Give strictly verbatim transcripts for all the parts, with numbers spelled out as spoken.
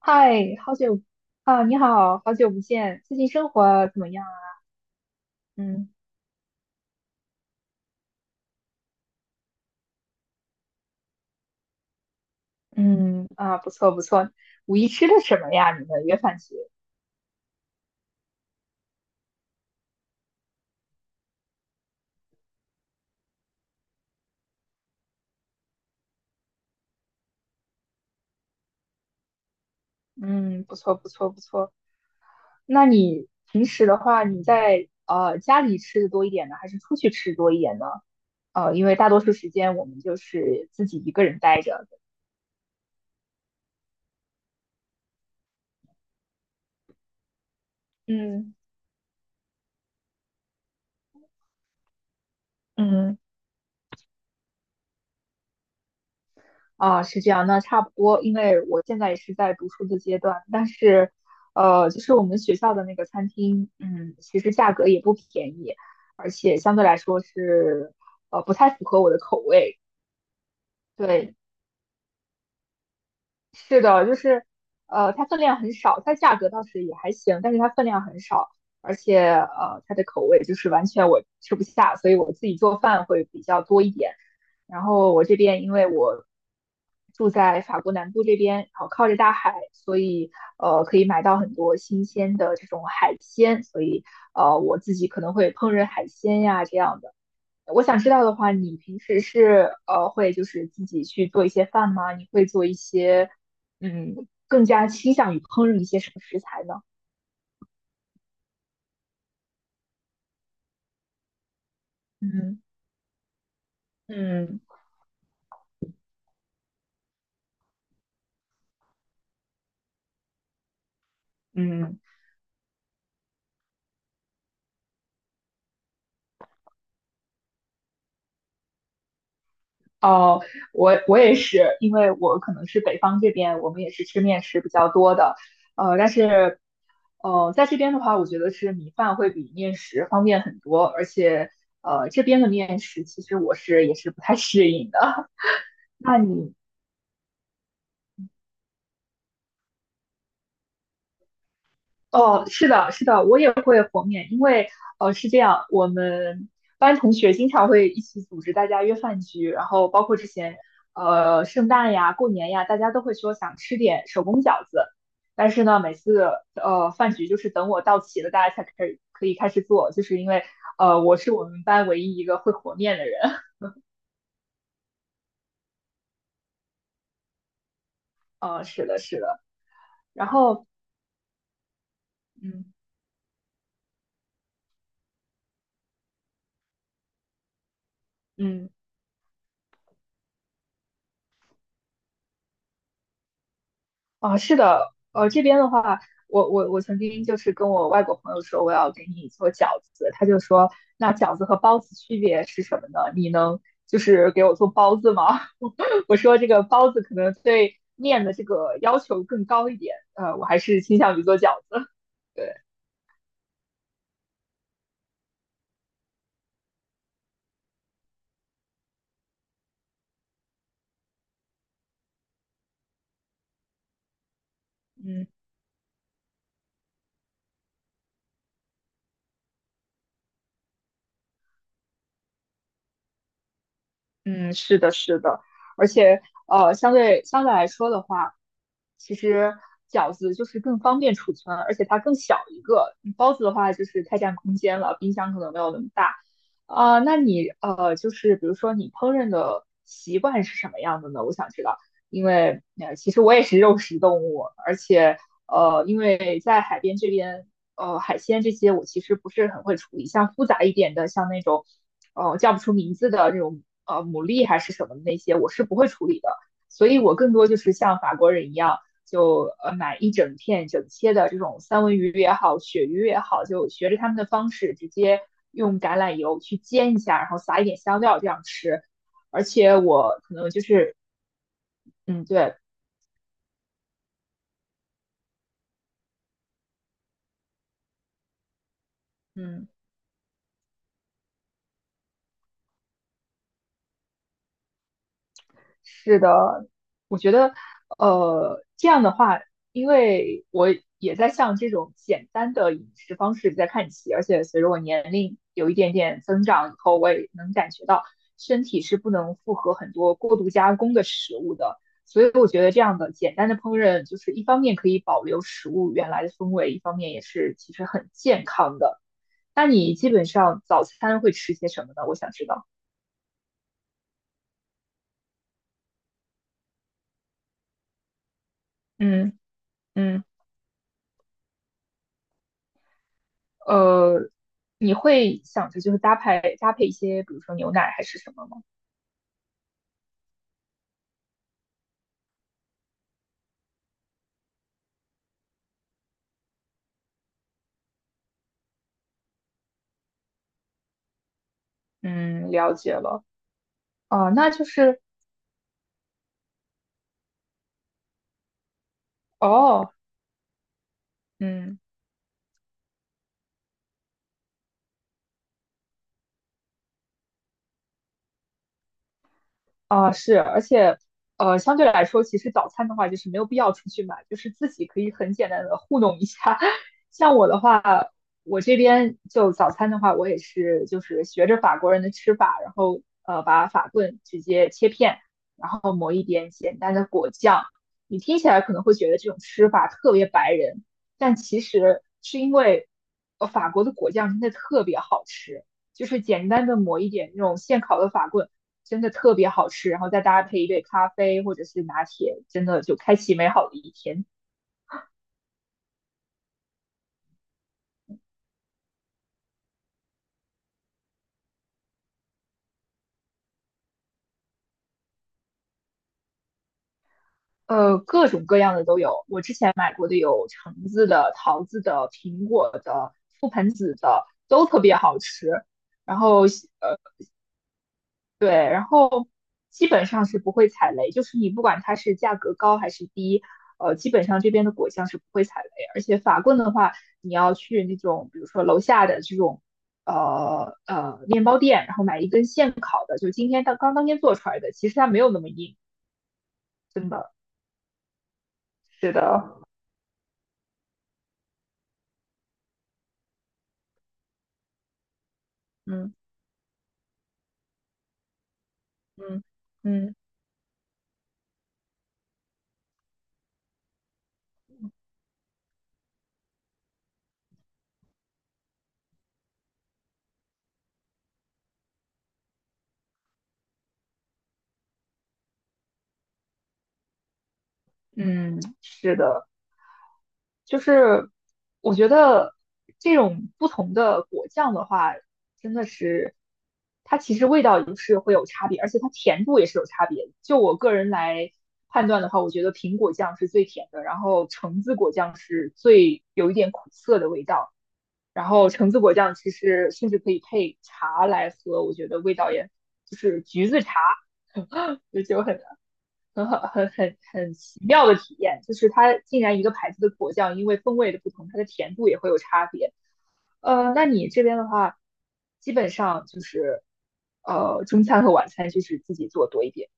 嗨，好久啊，你好，好久不见，最近生活怎么样啊？嗯嗯啊，不错不错。五一吃的什么呀？你们约饭局？嗯，不错不错不错。那你平时的话，你在呃家里吃的多一点呢，还是出去吃多一点呢？呃，因为大多数时间我们就是自己一个人待着。嗯嗯，啊，是这样，那差不多，因为我现在也是在读书的阶段，但是，呃，就是我们学校的那个餐厅，嗯，其实价格也不便宜，而且相对来说是，呃，不太符合我的口味。对，是的，就是呃，它分量很少，它价格倒是也还行，但是它分量很少，而且呃，它的口味就是完全我吃不下，所以我自己做饭会比较多一点。然后我这边因为我住在法国南部这边，然后靠着大海，所以呃可以买到很多新鲜的这种海鲜，所以呃我自己可能会烹饪海鲜呀这样的。我想知道的话，你平时是呃会就是自己去做一些饭吗？你会做一些嗯更加倾向于烹饪一些什么食材呢？嗯嗯嗯哦，我我也是，因为我可能是北方这边，我们也是吃面食比较多的，呃，但是呃在这边的话，我觉得是米饭会比面食方便很多，而且呃这边的面食其实我是也是不太适应的。那你哦，是的，是的，我也会和面，因为呃是这样，我们班同学经常会一起组织大家约饭局，然后包括之前呃圣诞呀、过年呀，大家都会说想吃点手工饺子，但是呢，每次呃饭局就是等我到齐了，大家才开始可以开始做，就是因为呃我是我们班唯一一个会和面的人，呃是的，是的，然后嗯嗯。啊，是的，呃，这边的话，我我我曾经就是跟我外国朋友说我要给你做饺子，他就说那饺子和包子区别是什么呢？你能就是给我做包子吗？我说这个包子可能对面的这个要求更高一点，呃，我还是倾向于做饺子。对，嗯。嗯，是的，是的，而且呃，相对相对来说的话，其实饺子就是更方便储存，而且它更小一个。包子的话就是太占空间了，冰箱可能没有那么大。啊、那你呃，就是比如说你烹饪的习惯是什么样的呢？我想知道，因为呃，其实我也是肉食动物，而且呃，因为在海边这边，呃，海鲜这些我其实不是很会处理，像复杂一点的，像那种。呃叫不出名字的这种呃牡蛎还是什么的那些，我是不会处理的。所以我更多就是像法国人一样，就呃买一整片整切的这种三文鱼也好，鳕鱼也好，就学着他们的方式，直接用橄榄油去煎一下，然后撒一点香料这样吃。而且我可能就是嗯对嗯。是的，我觉得，呃，这样的话，因为我也在向这种简单的饮食方式在看齐，而且随着我年龄有一点点增长以后，我也能感觉到身体是不能负荷很多过度加工的食物的，所以我觉得这样的简单的烹饪，就是一方面可以保留食物原来的风味，一方面也是其实很健康的。那你基本上早餐会吃些什么呢？我想知道。嗯嗯。呃，你会想着就是搭配搭配一些，比如说牛奶还是什么吗？嗯，了解了。哦，那就是哦，嗯。啊，是，而且，呃，相对来说，其实早餐的话，就是没有必要出去买，就是自己可以很简单的糊弄一下。像我的话，我这边就早餐的话，我也是就是学着法国人的吃法，然后呃，把法棍直接切片，然后抹一点简单的果酱。你听起来可能会觉得这种吃法特别白人，但其实是因为，呃，法国的果酱真的特别好吃，就是简单的抹一点那种现烤的法棍。真的特别好吃，然后再搭配一杯咖啡或者是拿铁，真的就开启美好的一天。呃，各种各样的都有，我之前买过的有橙子的、桃子的、苹果的、覆盆子的，都特别好吃。然后，呃，对，然后基本上是不会踩雷，就是你不管它是价格高还是低，呃，基本上这边的果酱是不会踩雷。而且法棍的话，你要去那种比如说楼下的这种呃呃面包店，然后买一根现烤的，就今天当刚当天做出来的，其实它没有那么硬，真的。是的，嗯嗯嗯嗯，是的。就是我觉得这种不同的果酱的话，真的是它其实味道也是会有差别，而且它甜度也是有差别的就我个人来判断的话，我觉得苹果酱是最甜的，然后橙子果酱是最有一点苦涩的味道，然后橙子果酱其实甚至可以配茶来喝，我觉得味道也就是橘子茶，就就很很好，很很很奇妙的体验，就是它竟然一个牌子的果酱，因为风味的不同，它的甜度也会有差别。呃，那你这边的话，基本上就是呃中餐和晚餐就是自己做多一点。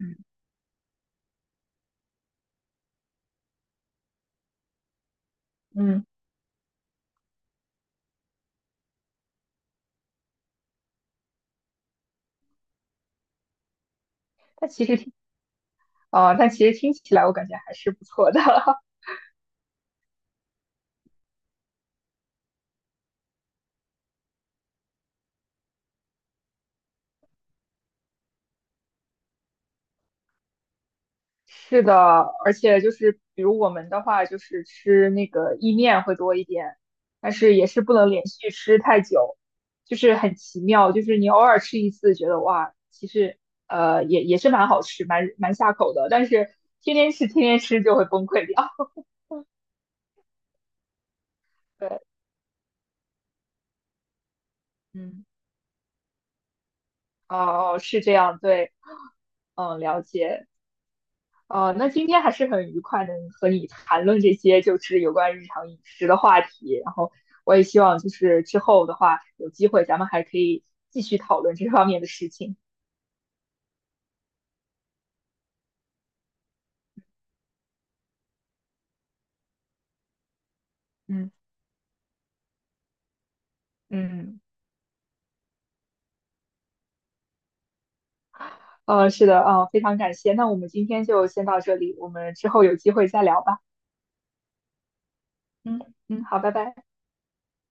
嗯嗯，但其实听呃，但其实听起来我感觉还是不错的。是的，而且就是比如我们的话，就是吃那个意面会多一点，但是也是不能连续吃太久，就是很奇妙，就是你偶尔吃一次，觉得哇，其实呃也也是蛮好吃，蛮蛮下口的，但是天天吃天天吃就会崩溃掉。对，嗯，哦，是这样，对，嗯，了解。哦，那今天还是很愉快，能和你谈论这些就是有关日常饮食的话题。然后我也希望就是之后的话，有机会咱们还可以继续讨论这方面的事情。嗯嗯，呃，是的，呃，非常感谢。那我们今天就先到这里，我们之后有机会再聊吧。嗯嗯，好，拜拜。